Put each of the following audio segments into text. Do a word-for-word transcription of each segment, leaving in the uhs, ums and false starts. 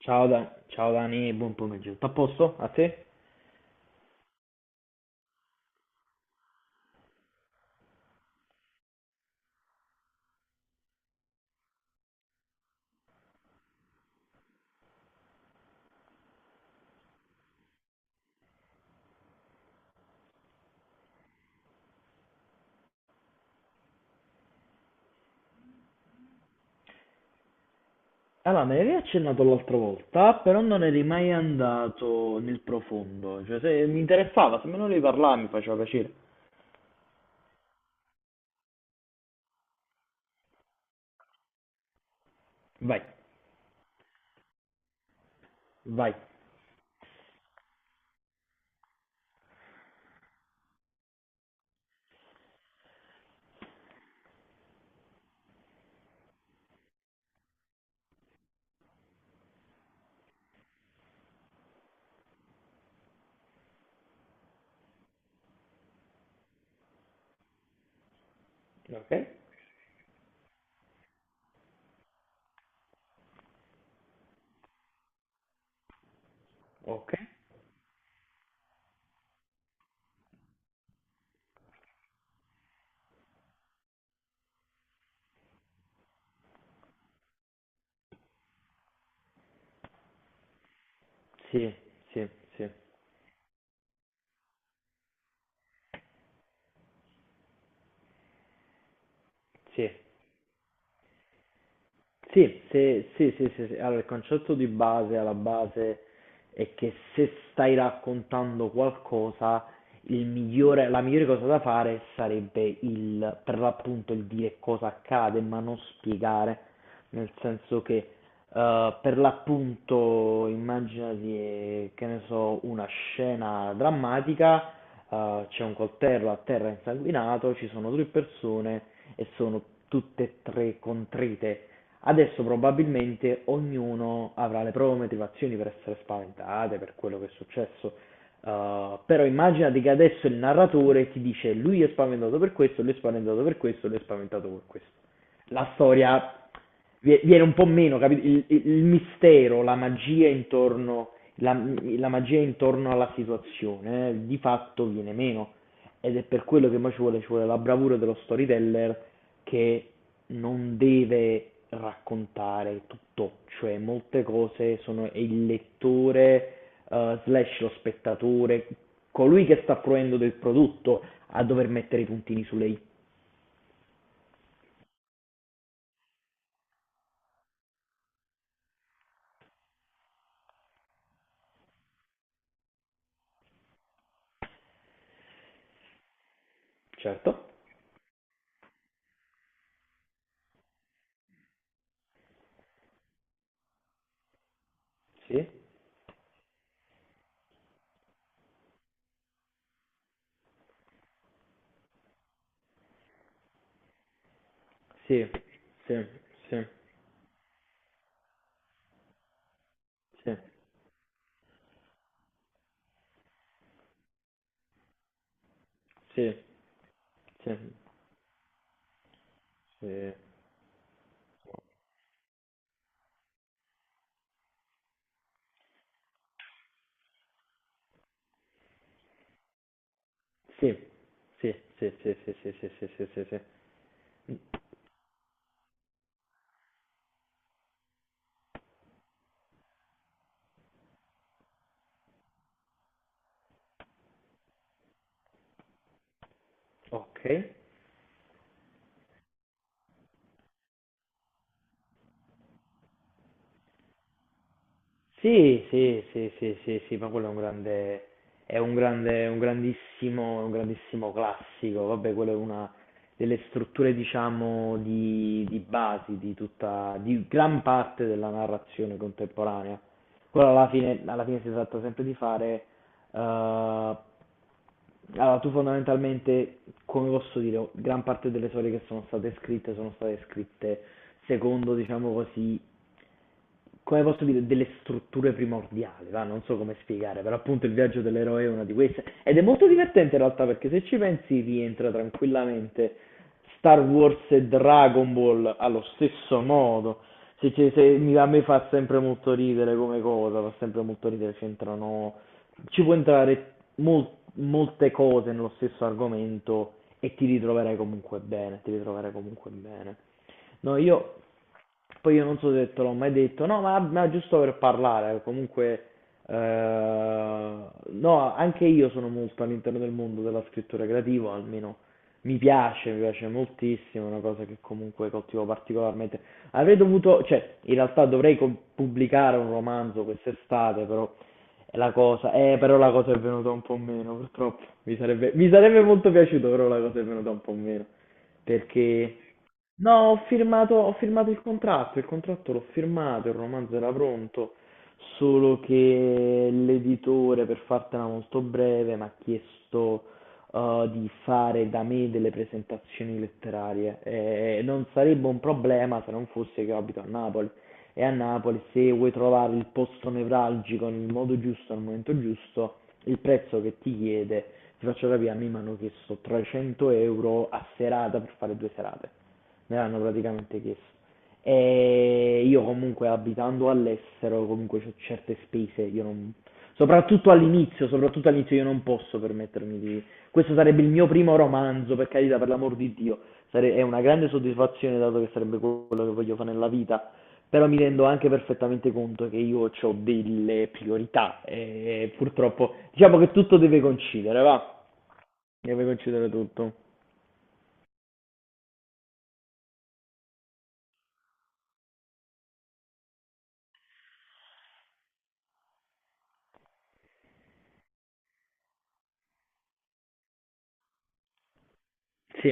Ciao, Da- ciao Dani, buon pomeriggio. Tutto a posto? A te? Allora, me ne avevi accennato l'altra volta, però non eri mai andato nel profondo. Cioè, se mi interessava, se me ne volevi parlare mi faceva piacere. Vai, vai. Ok? Ok? Sì, sì, sì, sì. Sì, se sì, sì, sì, sì. Allora, il concetto di base, alla base, è che se stai raccontando qualcosa, il migliore, la migliore cosa da fare sarebbe il, per l'appunto il dire cosa accade, ma non spiegare, nel senso che eh, per l'appunto immaginati, eh, che ne so, una scena drammatica, eh, c'è un coltello a terra insanguinato, ci sono tre persone e sono tutte e tre contrite. Adesso probabilmente ognuno avrà le proprie motivazioni per essere spaventate, per quello che è successo, eh, però immaginati che adesso il narratore ti dice lui è spaventato per questo, lui è spaventato per questo, lui è spaventato per questo. La storia vie- viene un po' meno, capito? Il, il- il mistero, la magia intorno, la, la magia intorno alla situazione, eh, di fatto viene meno. Ed è per quello che poi ci vuole, ci vuole la bravura dello storyteller che non deve raccontare tutto, cioè molte cose sono e il lettore, eh, slash lo spettatore, colui che sta fruendo del prodotto a dover mettere i puntini sulle i. Certo, sì, sì, sì, sì, sì, sì, sì, sì, sì, sì, sì, sì, sì, sì, sì, sì, sì, sì, sì. Ok. Sì, sì, sì, sì, sì, sì, ma quello è un grande, è un grande, un grandissimo, un grandissimo classico. Vabbè, quello è una delle strutture, diciamo, di, di base di tutta, di gran parte della narrazione contemporanea. Quello alla fine, alla fine si tratta sempre di fare, eh, allora, tu fondamentalmente, come posso dire, gran parte delle storie che sono state scritte sono state scritte secondo, diciamo così, come posso dire, delle strutture primordiali, va? Non so come spiegare, però appunto il viaggio dell'eroe è una di queste ed è molto divertente in realtà perché se ci pensi rientra tranquillamente Star Wars e Dragon Ball allo stesso modo, se, se- se- mi- a me fa sempre molto ridere come cosa, fa sempre molto ridere, c'entrano, ci può entrare mol- molte cose nello stesso argomento e ti ritroverai comunque bene, ti ritroverai comunque bene. No, io poi io non so se te l'ho mai detto, no, ma, ma giusto per parlare, comunque, eh, no, anche io sono molto all'interno del mondo della scrittura creativa, almeno mi piace, mi piace moltissimo, è una cosa che comunque coltivo particolarmente. Avrei dovuto, cioè, in realtà dovrei com- pubblicare un romanzo quest'estate, però è la cosa, eh, però la cosa è venuta un po' meno, purtroppo. Mi sarebbe, mi sarebbe molto piaciuto, però la cosa è venuta un po' meno, perché... No, ho firmato, ho firmato il contratto, il contratto l'ho firmato, il romanzo era pronto, solo che l'editore, per fartela molto breve, mi ha chiesto eh, di fare da me delle presentazioni letterarie. E non sarebbe un problema se non fosse che abito a Napoli. E a Napoli, se vuoi trovare il posto nevralgico nel modo giusto, al momento giusto, il prezzo che ti chiede, ti faccio capire, a me mi hanno chiesto trecento euro a serata per fare due serate. Me l'hanno praticamente chiesto. E io comunque abitando all'estero, comunque ho certe spese, io non... Soprattutto all'inizio, soprattutto all'inizio io non posso permettermi di... Questo sarebbe il mio primo romanzo, per carità, per l'amor di Dio. Sare- è una grande soddisfazione dato che sarebbe quello che voglio fare nella vita, però mi rendo anche perfettamente conto che io ho delle priorità e purtroppo diciamo che tutto deve coincidere, va? Deve coincidere tutto. Sì,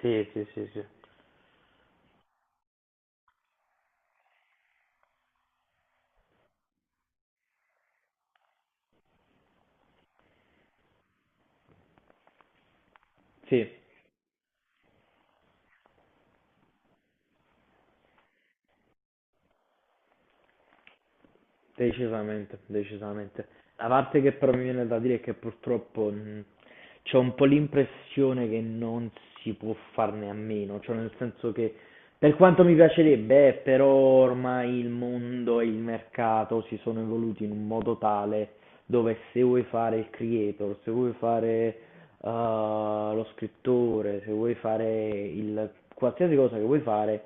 sì, sì, sì, sì. Sì. Decisamente, decisamente. La parte che però mi viene da dire è che purtroppo mh, c'ho un po' l'impressione che non si può farne a meno, cioè nel senso che per quanto mi piacerebbe, eh, però ormai il mondo e il mercato si sono evoluti in un modo tale dove se vuoi fare il creator, se vuoi fare eh, lo scrittore, se vuoi fare il qualsiasi cosa che vuoi fare,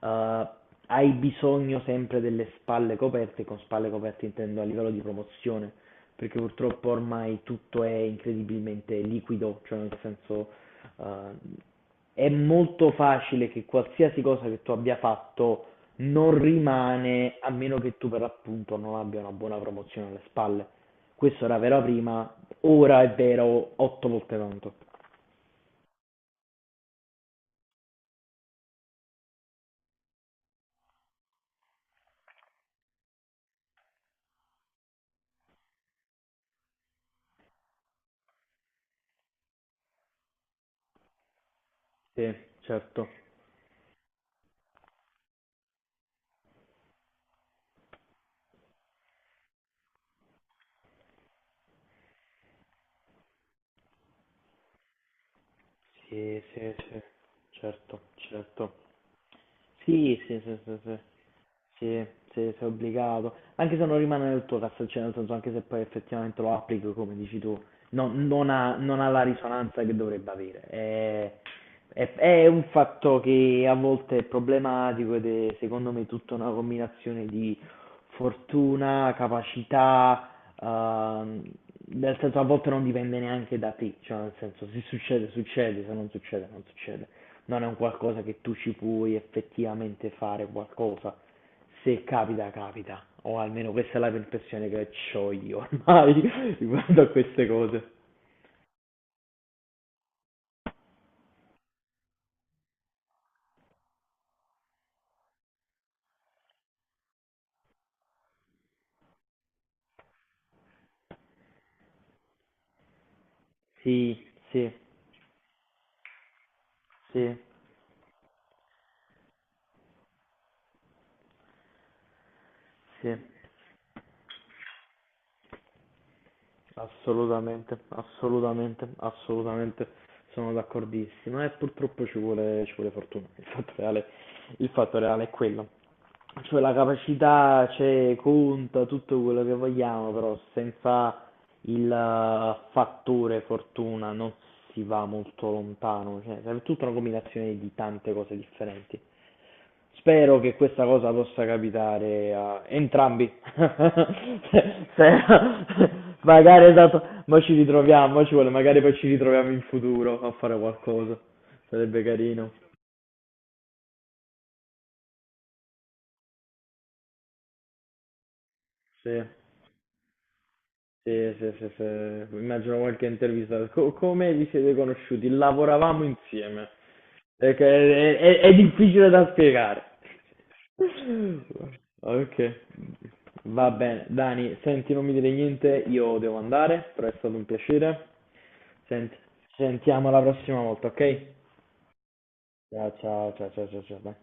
eh, hai bisogno sempre delle spalle coperte, e con spalle coperte intendo a livello di promozione perché purtroppo ormai tutto è incredibilmente liquido, cioè nel senso eh, è molto facile che qualsiasi cosa che tu abbia fatto non rimane a meno che tu per l'appunto non abbia una buona promozione alle spalle. Questo era vero prima, ora è vero otto volte tanto. Sì, certo. Sì, sì, sì, certo, certo. Sì, sì, sì, sì, sì, sì, sì, sei obbligato, anche se non rimane nel tuo cazzo, cioè nel senso anche se poi effettivamente lo applichi come dici tu, non, non ha, non ha la risonanza che dovrebbe avere, è, è- è un fatto che a volte è problematico ed è secondo me tutta una combinazione di fortuna, capacità, ehm, nel senso a volte non dipende neanche da te, cioè nel senso se succede succede, se non succede non succede non è un qualcosa che tu ci puoi effettivamente fare qualcosa. Se capita, capita. O almeno questa è la impressione che ho io ormai riguardo a queste cose. Sì, sì, sì, sì, assolutamente, assolutamente, assolutamente. Sono d'accordissimo e purtroppo ci vuole, ci vuole fortuna. Il fatto reale, il fatto reale è quello. Cioè la capacità c'è, conta tutto quello che vogliamo, però senza il eh, fattore fortuna non si va molto lontano, cioè serve tutta una combinazione di tante cose differenti. Spero che questa cosa possa capitare a entrambi. Se- se- Magari esatto, ma ci ritroviamo, mo ci vuole, magari poi ci ritroviamo in futuro a fare qualcosa. Sarebbe carino. Sì. Sì, sì, sì, sì, immagino qualche intervista. Co- come vi siete conosciuti? Lavoravamo insieme. È, che- è- è- È difficile da spiegare. Ok, va bene. Dani, senti, non mi dire niente, io devo andare, però è stato un piacere. Senti, ci sentiamo la prossima volta, ok? Ciao, ciao, ciao, ciao, ciao, ciao. Dai.